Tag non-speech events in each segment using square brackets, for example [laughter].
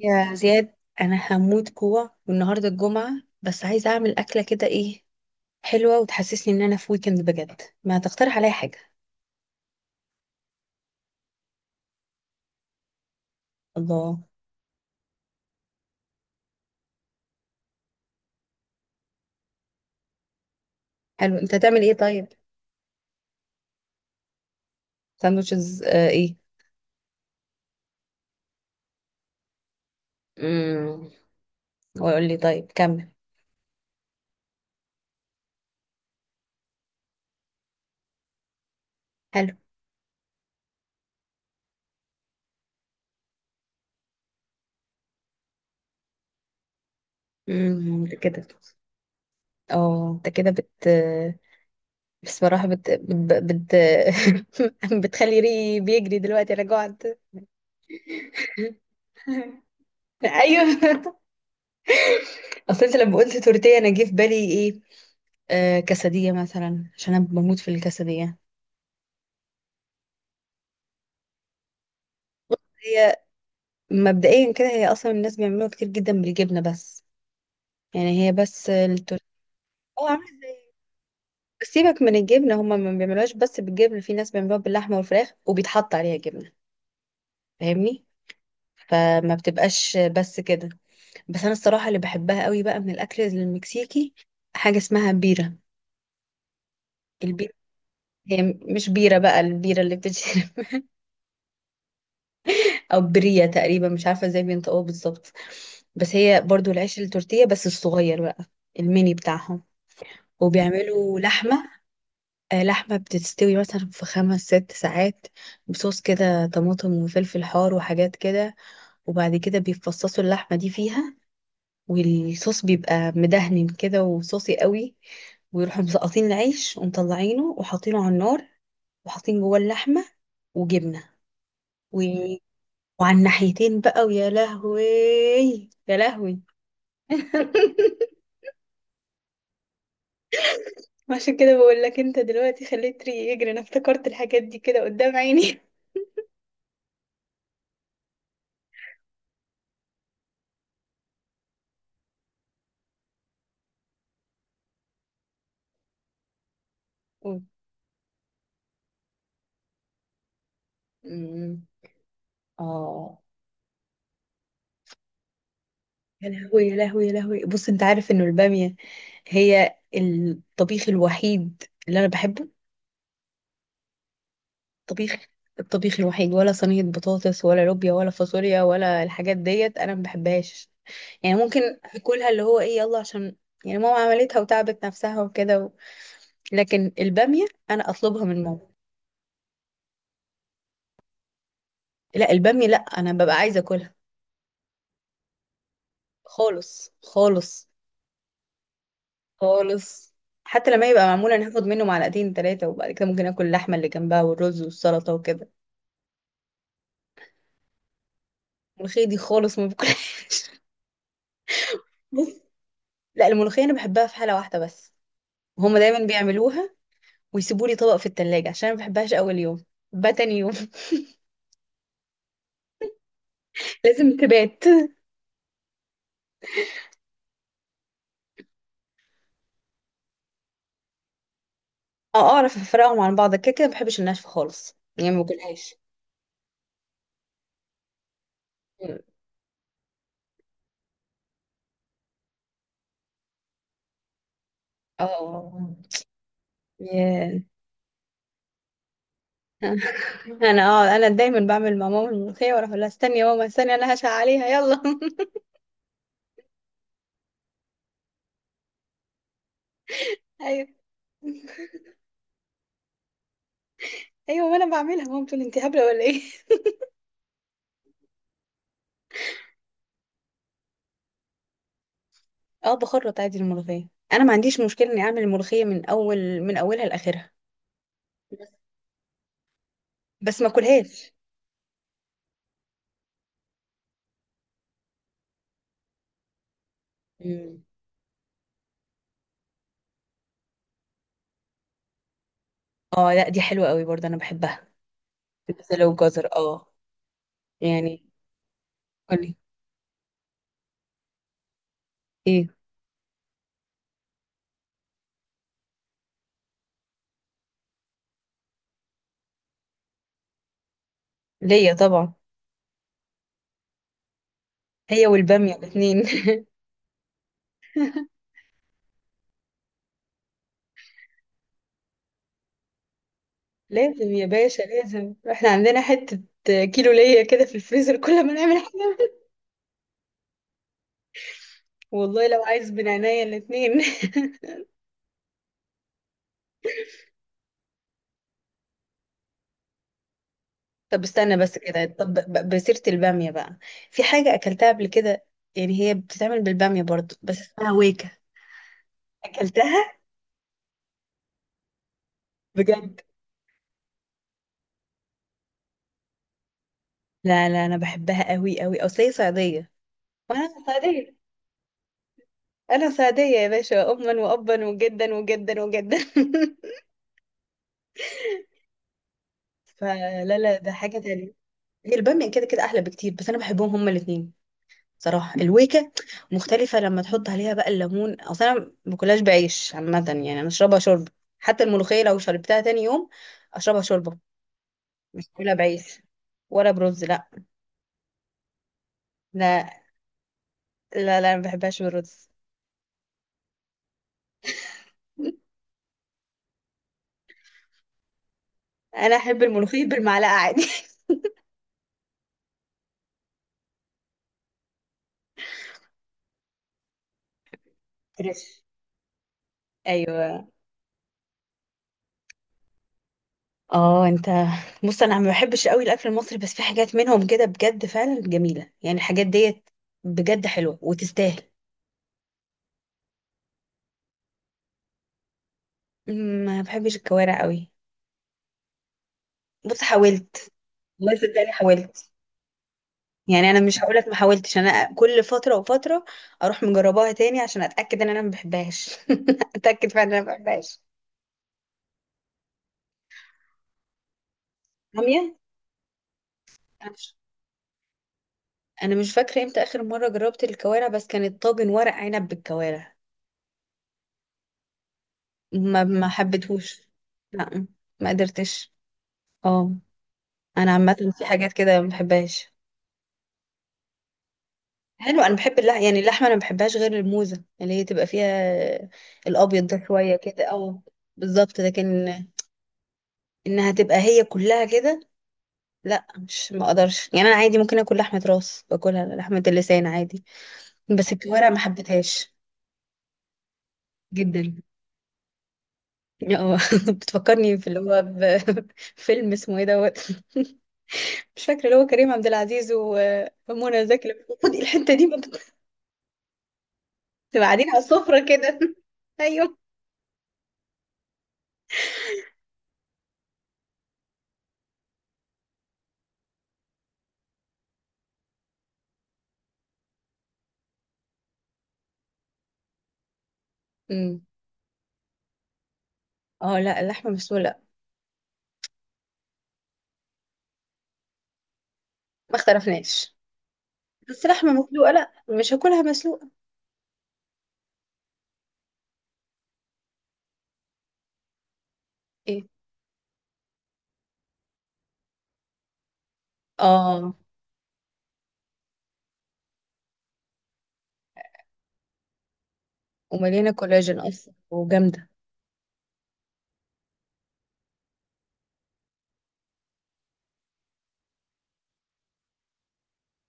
يا زياد، انا هموت جوع والنهارده الجمعه. بس عايزه اعمل اكله كده ايه حلوه وتحسسني ان انا في ويكند بجد. ما تقترح عليا حاجه؟ الله. حلو، انت هتعمل ايه طيب؟ ساندوتشز ايه؟ امم ويقول لي طيب كمل. حلو. انت كده، اه انت كده بت، بصراحه [laughs] بتخلي ريقي بيجري دلوقتي، انا جوعت. [laughs] ايوه، اصل انت لما قلت تورتيه انا جه في بالي ايه؟ آه كسدية مثلا، عشان أنا بموت في الكسدية. هي مبدئيا كده هي أصلا الناس بيعملوها كتير جدا بالجبنة بس، يعني هي بس التورتيلا. اه عاملة زي، بس سيبك من الجبنة، هما ما بيعملوهاش بس بالجبنة، في ناس بيعملوها باللحمة والفراخ وبيتحط عليها جبنة، فاهمني؟ فما بتبقاش بس كده. بس أنا الصراحة اللي بحبها قوي بقى من الأكل المكسيكي حاجة اسمها بيرة. البيرة، هي مش بيرة بقى، البيرة اللي بتتشرب، او برية، تقريبا مش عارفة ازاي بينطقوها بالظبط. بس هي برضو العيش التورتيه بس الصغير بقى، الميني بتاعهم، وبيعملوا لحمة، لحمة بتستوي مثلا في خمس ست ساعات بصوص كده طماطم وفلفل حار وحاجات كده، وبعد كده بيفصصوا اللحمة دي فيها، والصوص بيبقى مدهن كده وصوصي قوي، ويروحوا مسقطين العيش ومطلعينه وحاطينه على النار وحاطين جوه اللحمة وجبنة، وعلى الناحيتين بقى، ويا لهوي يا لهوي. [laughs] عشان كده بقول لك انت دلوقتي خليت ريقي يجري، انا افتكرت الحاجات دي كده قدام عيني. [laughs] قول. امم. اه. يا لهوي يا لهوي يا لهوي، بص انت عارف انه البامية هي الطبيخ الوحيد اللي انا بحبه. طبيخ، الطبيخ الوحيد. ولا صينية بطاطس ولا لوبيا ولا فاصوليا ولا الحاجات ديت، انا ما بحبهاش. يعني ممكن اكلها اللي هو ايه، يلا، عشان يعني ماما عملتها وتعبت نفسها وكده، لكن البامية أنا أطلبها من ماما. لا البامية، لا، أنا ببقى عايزة أكلها. خالص خالص. خالص حتى لما يبقى معمول أنا هاخد منه معلقتين تلاتة، وبعد كده ممكن آكل اللحمة اللي جنبها والرز والسلطة وكده. الملوخية دي خالص ما باكلهاش. [laughs] بص، لا الملوخية أنا بحبها في حالة واحدة بس، هما دايما بيعملوها ويسيبوا لي طبق في التلاجة، عشان أنا ما بحبهاش أول يوم، بحبها تاني يوم. [laughs] لازم تبات. أه أعرف أفرقهم عن بعض كده كده، ما بحبش الناشفة خالص يعني، ما باكلهاش. اه. ياه. [laughs] انا اه انا دايما بعمل مع ماما الملوخيه، واروح اقول لها استني يا ماما استني، انا هشع عليها، يلا. [laughs] ايوه ايوه، ما انا بعملها، ماما بتقول انت هبله ولا ايه؟ [laughs] اه بخرط عادي الملوخيه، انا ما عنديش مشكله اني اعمل الملوخيه من اول، من اولها لاخرها، بس ما اكلهاش. مم. اه لا دي حلوه قوي برضه، انا بحبها. البسله والجزر اه، يعني. قولي. ايه؟ ليا طبعا. هي والباميه الاثنين. [laughs] لازم يا باشا لازم، احنا عندنا حته كيلو ليا كده في الفريزر كل ما نعمل حاجه. والله لو عايز من عينيا الاتنين. [laughs] طب استنى بس كده، طب بسيرة البامية بقى، في حاجة أكلتها قبل كده، يعني هي بتتعمل بالبامية برضو بس اسمها ويكا. أكلتها بجد؟ لا لا، أنا بحبها قوي قوي، أصل هي صعيدية وأنا صعيدية، أنا صعيدية يا باشا أما وأبا، وجدا وجدا وجدا. [laughs] فلا لا، ده حاجة تانية، هي البامية كده كده أحلى بكتير، بس أنا بحبهم هما الاتنين، صراحة الويكة مختلفة. لما تحط عليها بقى الليمون، أصلا أنا ما باكلهاش بعيش عامة، يعني أنا أشربها شوربة، حتى الملوخية لو شربتها تاني يوم أشربها شوربة، مش باكلها بعيش ولا برز، لا. لا لا لا، ما بحبهاش بالرز. أنا أحب الملوخية بالمعلقة عادي. [laughs] فريش، أيوه. اه انت، بص انا ما بحبش قوي الاكل المصري، بس في حاجات منهم كده بجد فعلا جميله، يعني الحاجات ديت بجد حلوه وتستاهل. ما بحبش الكوارع قوي. بص، حاولت، والله صدقني حاولت، يعني انا مش هقولك ما حاولتش، انا كل فتره وفتره اروح مجرباها تاني عشان اتاكد ان انا ما بحبهاش. [laughs] اتاكد فعلا ان انا ما بحبهاش. باميه. انا مش، أنا مش فاكره امتى اخر مره جربت الكوارع، بس كانت طاجن ورق عنب بالكوارع، ما ما حبيتهوش، لا ما قدرتش. اه انا عامه في حاجات كده ما بحبهاش. حلو، انا بحب اللحمه، يعني اللحمه انا ما بحبهاش غير الموزه اللي هي تبقى فيها الابيض ده شويه كده، او، بالظبط. لكن انها تبقى هي كلها كده، لا مش، ما اقدرش. يعني انا عادي ممكن اكل لحمه راس، باكلها، لحمه اللسان عادي. بس الكوارع ما حبيتهاش. جدا. اه. [laughs] بتفكرني في اللي هو [laughs] فيلم اسمه ايه دوت، [laughs] مش فاكره، اللي هو كريم عبد العزيز ومنى زكي، لما بيقول خدي الحته دي بقى، بتبقى قاعدين على السفره كده. [laughs] ايوه. امم. اه لا اللحمه مسلوقه لا. ما اختلفناش، بس لحمه مسلوقه لا، مش هاكلها مسلوقه. ايه؟ اه. ومليانه كولاجين اصلا، وجامده.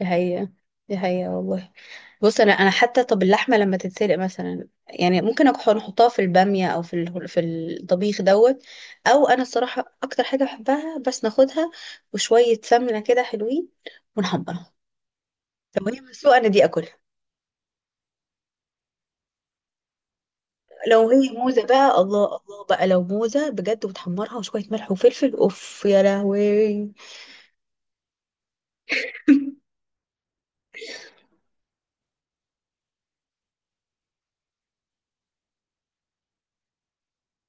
دي حقيقه، دي حقيقه والله. بص انا انا، حتى طب اللحمه لما تتسلق مثلا يعني ممكن نحطها في الباميه او في في الطبيخ دوت، او انا الصراحه اكتر حاجه بحبها، بس ناخدها وشويه سمنه كده حلوين ونحمرها، لو هي مسلوقه انا دي اكلها. لو هي موزه بقى، الله الله بقى، لو موزه بجد وتحمرها وشويه ملح وفلفل، اوف يا لهوي. [laughs]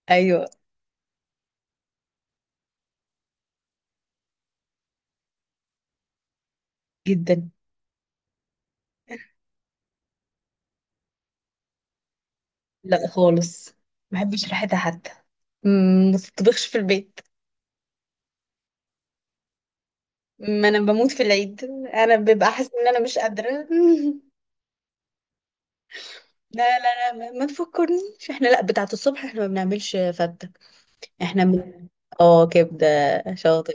ايوه. جدا. لا خالص، ما بحبش ريحتها حتى. ما تطبخش في البيت. ما انا بموت في العيد، انا ببقى حاسه ان انا مش قادره. [laughs] لا لا لا، ما ما تفكرنيش، احنا لا بتاعه الصبح احنا ما بنعملش فته، احنا من... اه كبده. شاطر.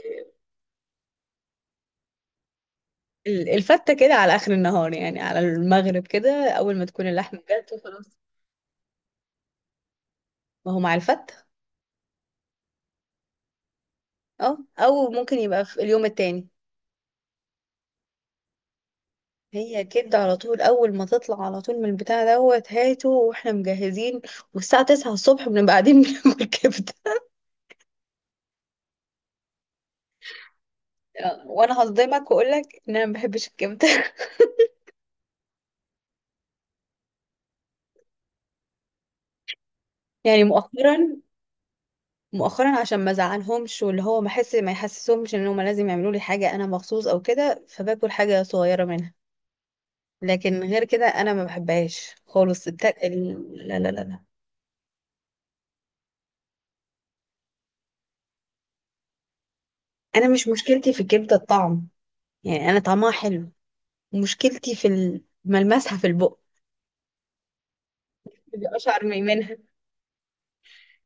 الفته كده على اخر النهار يعني، على المغرب كده، اول ما تكون اللحمه جت وخلاص. ما هو مع الفته، اه او ممكن يبقى في اليوم التاني. هي كبده على طول، اول ما تطلع على طول من البتاع دوت، هاته واحنا مجهزين، والساعه 9 الصبح بنبقى قاعدين [laughs] بناكل كبده. وانا هصدمك واقول لك ان انا ما بحبش الكبده. [laughs] يعني مؤخرا، مؤخرا عشان ما ازعلهمش، واللي هو ما احس، ما يحسسهمش ان هم لازم يعملوا لي حاجه انا مخصوص او كده، فباكل حاجه صغيره منها، لكن غير كده انا ما بحبهاش خالص. لا لا لا لا. انا مش، مشكلتي في الكبده الطعم، يعني انا طعمها حلو، مشكلتي في ملمسها، في البق، بيقشعر منها،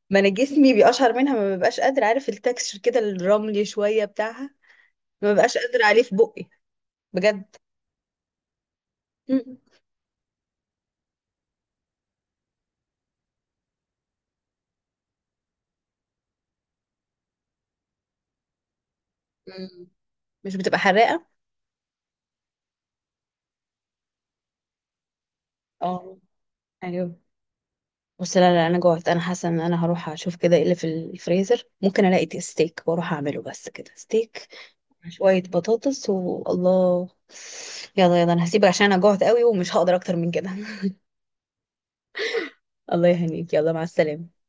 ما انا جسمي بيقشعر منها، ما ببقاش قادر، عارف التكستشر كده الرملي شويه بتاعها، ما ببقاش قادر عليه في بقي. بجد. [laughs] مم. مش بتبقى حراقة؟ اه. ايوه. بس لا لا انا جوعت، انا حاسه ان انا هروح اشوف كده ايه اللي في الفريزر، ممكن الاقي ستيك واروح اعمله بس كده، ستيك مع شويه بطاطس والله. يلا يلا، انا هسيبك عشان انا جوعت قوي ومش هقدر اكتر من كده. [laughs] الله يهنيك، يلا، مع السلامه.